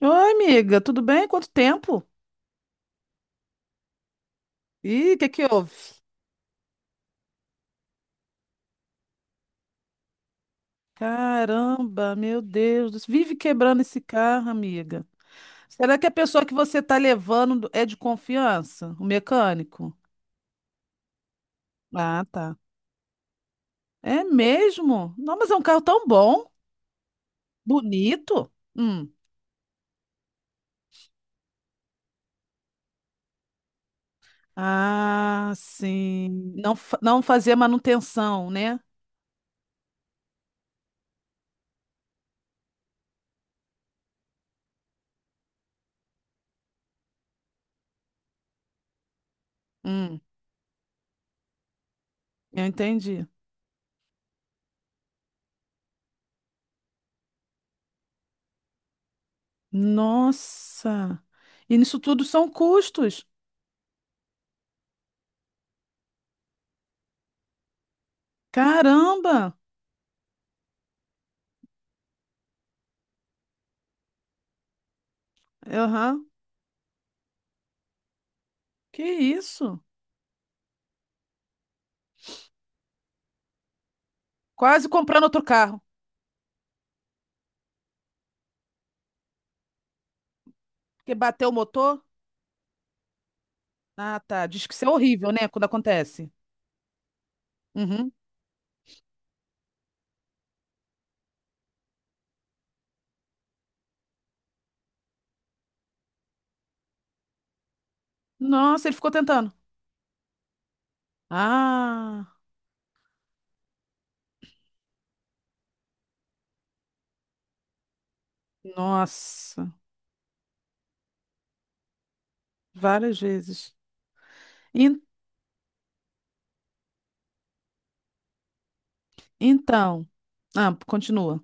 Oi, amiga, tudo bem? Quanto tempo? Ih, o que que houve? Caramba, meu Deus, do céu, vive quebrando esse carro, amiga. Será que a pessoa que você tá levando é de confiança? O mecânico? Ah, tá. É mesmo? Não, mas é um carro tão bom, bonito. Hum. Ah, sim. Não, não fazer manutenção, né? Hum, eu entendi. Nossa. E nisso tudo são custos. Caramba! Aham. Que isso? Quase comprando outro carro. Porque bateu o motor? Ah, tá. Diz que isso é horrível, né? Quando acontece. Uhum. Nossa, ele ficou tentando. Ah, nossa. Várias vezes. En- então. Ah, continua.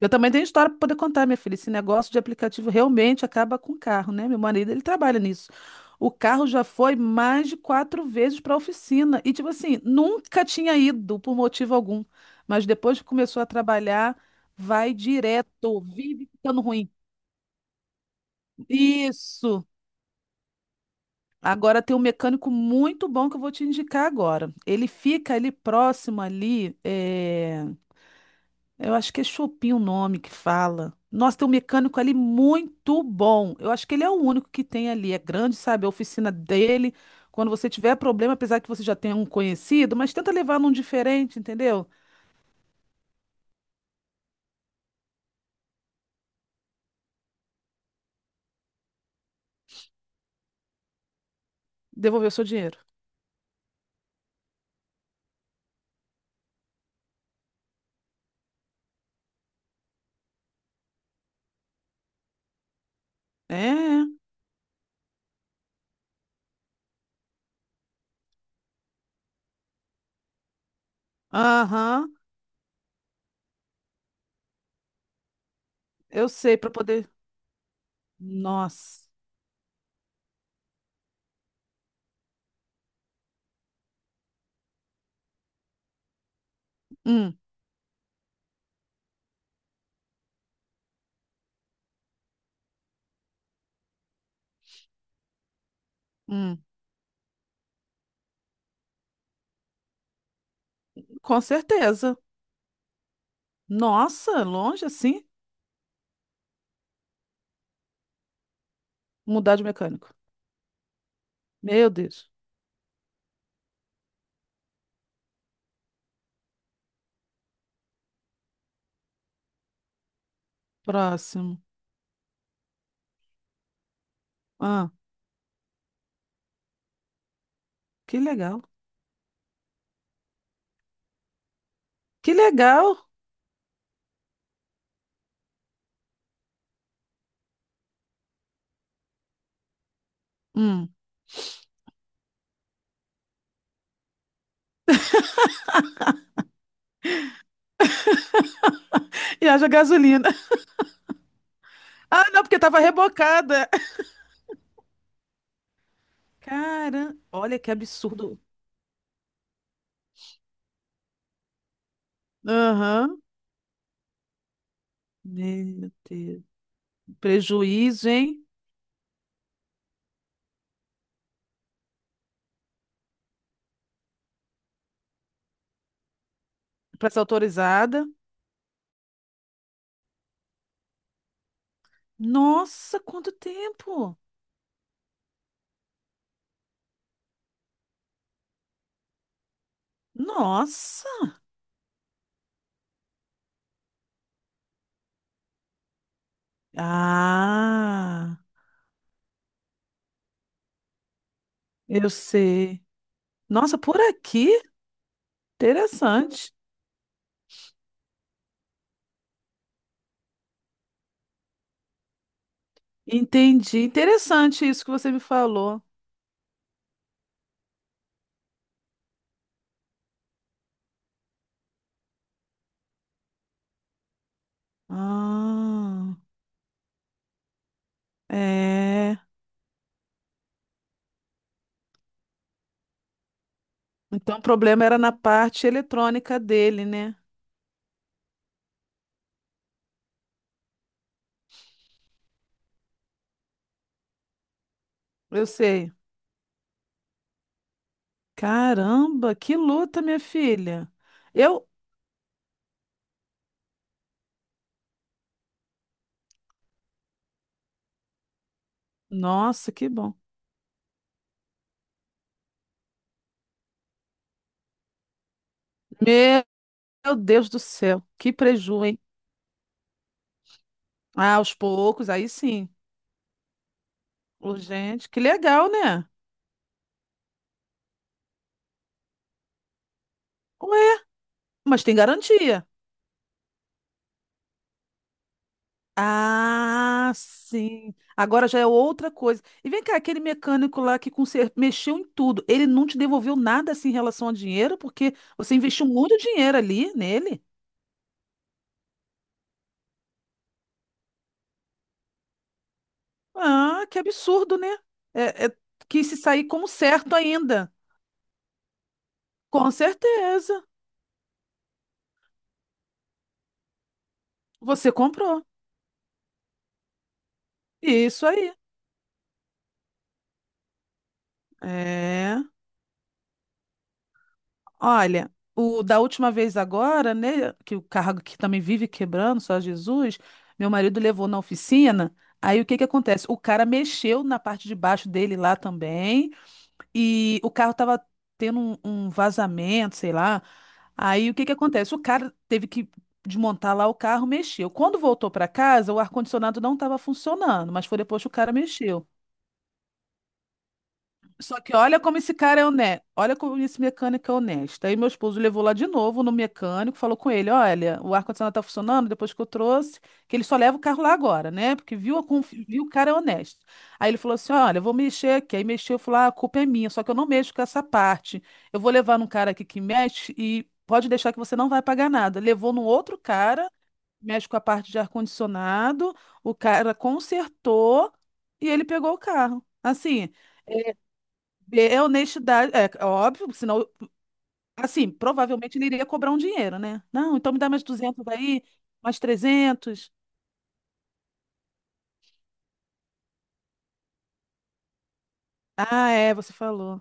Eu também tenho história para poder contar, minha filha. Esse negócio de aplicativo realmente acaba com o carro, né? Meu marido, ele trabalha nisso. O carro já foi mais de quatro vezes para a oficina. E, tipo assim, nunca tinha ido por motivo algum. Mas depois que começou a trabalhar, vai direto, vive ficando ruim. Isso! Agora tem um mecânico muito bom que eu vou te indicar agora. Ele fica ali próximo ali. Eu acho que é Chopin o nome que fala. Nossa, tem um mecânico ali muito bom. Eu acho que ele é o único que tem ali. É grande, sabe? A oficina dele. Quando você tiver problema, apesar que você já tenha um conhecido, mas tenta levar num diferente, entendeu? Devolver o seu dinheiro. É. Aham. Eu sei, para poder. Nossa. Hum, hum. Com certeza. Nossa, longe assim? Mudar de mecânico. Meu Deus. Próximo. Ah, que legal. Que legal. Hum. E haja gasolina. Ah, não, porque tava rebocada. Caramba, olha que absurdo. Aham. Meu Deus. Prejuízo, hein? Pra ser autorizada. Nossa, quanto tempo! Nossa! Ah, eu sei. Nossa, por aqui? Interessante. Entendi. Interessante isso que você me falou. Ah, é. Então o problema era na parte eletrônica dele, né? Eu sei. Caramba, que luta, minha filha. Eu, nossa, que bom. Meu Deus do céu, que preju, hein? Ah, aos poucos, aí sim. Urgente, que legal, né? Ué, mas tem garantia. Ah, sim. Agora já é outra coisa. E vem cá, aquele mecânico lá que mexeu em tudo, ele não te devolveu nada assim em relação a dinheiro, porque você investiu muito dinheiro ali nele. Ah, que absurdo, né? É que se sair como certo ainda. Com certeza. Você comprou. Isso aí. É. Olha, o da última vez agora, né, que o carro que também vive quebrando, só Jesus, meu marido levou na oficina. Aí o que que acontece? O cara mexeu na parte de baixo dele lá também, e o carro tava tendo um vazamento, sei lá. Aí o que que acontece? O cara teve que desmontar lá o carro, mexeu. Quando voltou para casa, o ar-condicionado não estava funcionando, mas foi depois que o cara mexeu. Só que olha como esse cara é honesto, olha como esse mecânico é honesto. Aí meu esposo levou lá de novo no mecânico, falou com ele, olha, o ar-condicionado tá funcionando depois que eu trouxe, que ele só leva o carro lá agora, né? Porque viu, a viu o cara é honesto. Aí ele falou assim, olha, eu vou mexer aqui. Aí mexeu, eu falei, ah, a culpa é minha, só que eu não mexo com essa parte. Eu vou levar num cara aqui que mexe e pode deixar que você não vai pagar nada. Levou num outro cara, mexe com a parte de ar-condicionado, o cara consertou e ele pegou o carro. Assim... É honestidade, é óbvio, senão, assim, provavelmente ele iria cobrar um dinheiro, né? Não, então me dá mais 200 aí, mais 300. Ah, é, você falou.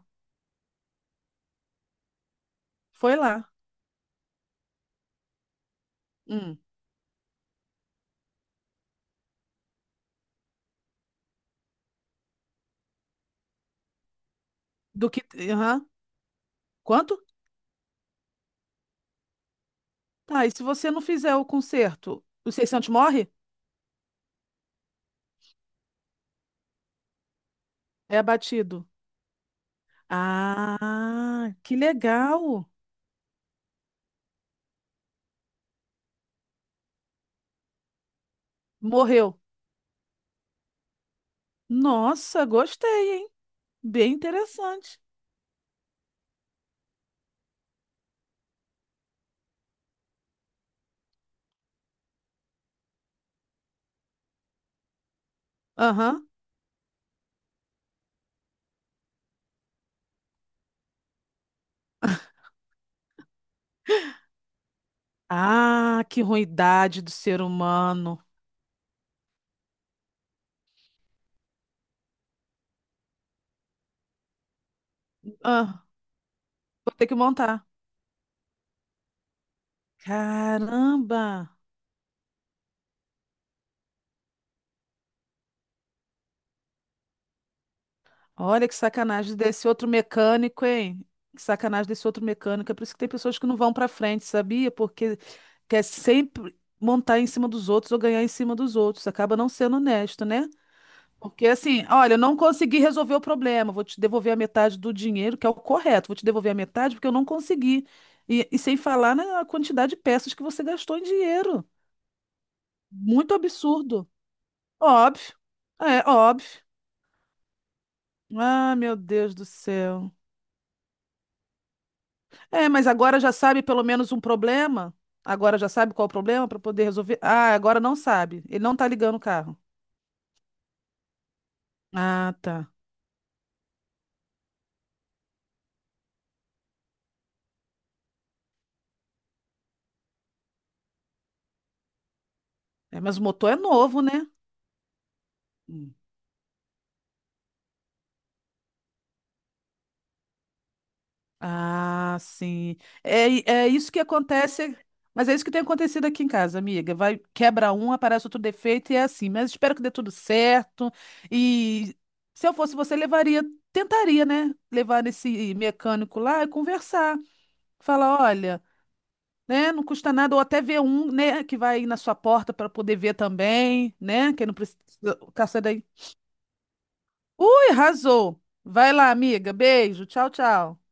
Foi lá. Hum. Do que, aham. Quanto? Tá, e se você não fizer o conserto, os 600 morre? É abatido. Ah, que legal. Morreu. Nossa, gostei, hein? Bem interessante. Aham. Ah, que ruindade do ser humano. Ah, vou ter que montar. Caramba! Olha que sacanagem desse outro mecânico, hein? Que sacanagem desse outro mecânico. É por isso que tem pessoas que não vão pra frente, sabia? Porque quer sempre montar em cima dos outros ou ganhar em cima dos outros. Acaba não sendo honesto, né? Porque assim, olha, eu não consegui resolver o problema. Vou te devolver a metade do dinheiro, que é o correto. Vou te devolver a metade porque eu não consegui. E sem falar na quantidade de peças que você gastou em dinheiro. Muito absurdo. Óbvio. É, óbvio. Ah, meu Deus do céu. É, mas agora já sabe pelo menos um problema? Agora já sabe qual o problema para poder resolver? Ah, agora não sabe. Ele não tá ligando o carro. Ah, tá. É, mas o motor é novo, né? Hum. Ah, sim. É, é isso que acontece. Mas é isso que tem acontecido aqui em casa, amiga. Vai, quebra um, aparece outro defeito e é assim. Mas espero que dê tudo certo. E se eu fosse você, levaria, tentaria, né? Levar nesse mecânico lá e conversar. Fala, olha. Né? Não custa nada, ou até ver um, né, que vai aí na sua porta para poder ver também, né? Quem não precisa, caça daí. Ui, arrasou. Vai lá, amiga. Beijo. Tchau, tchau.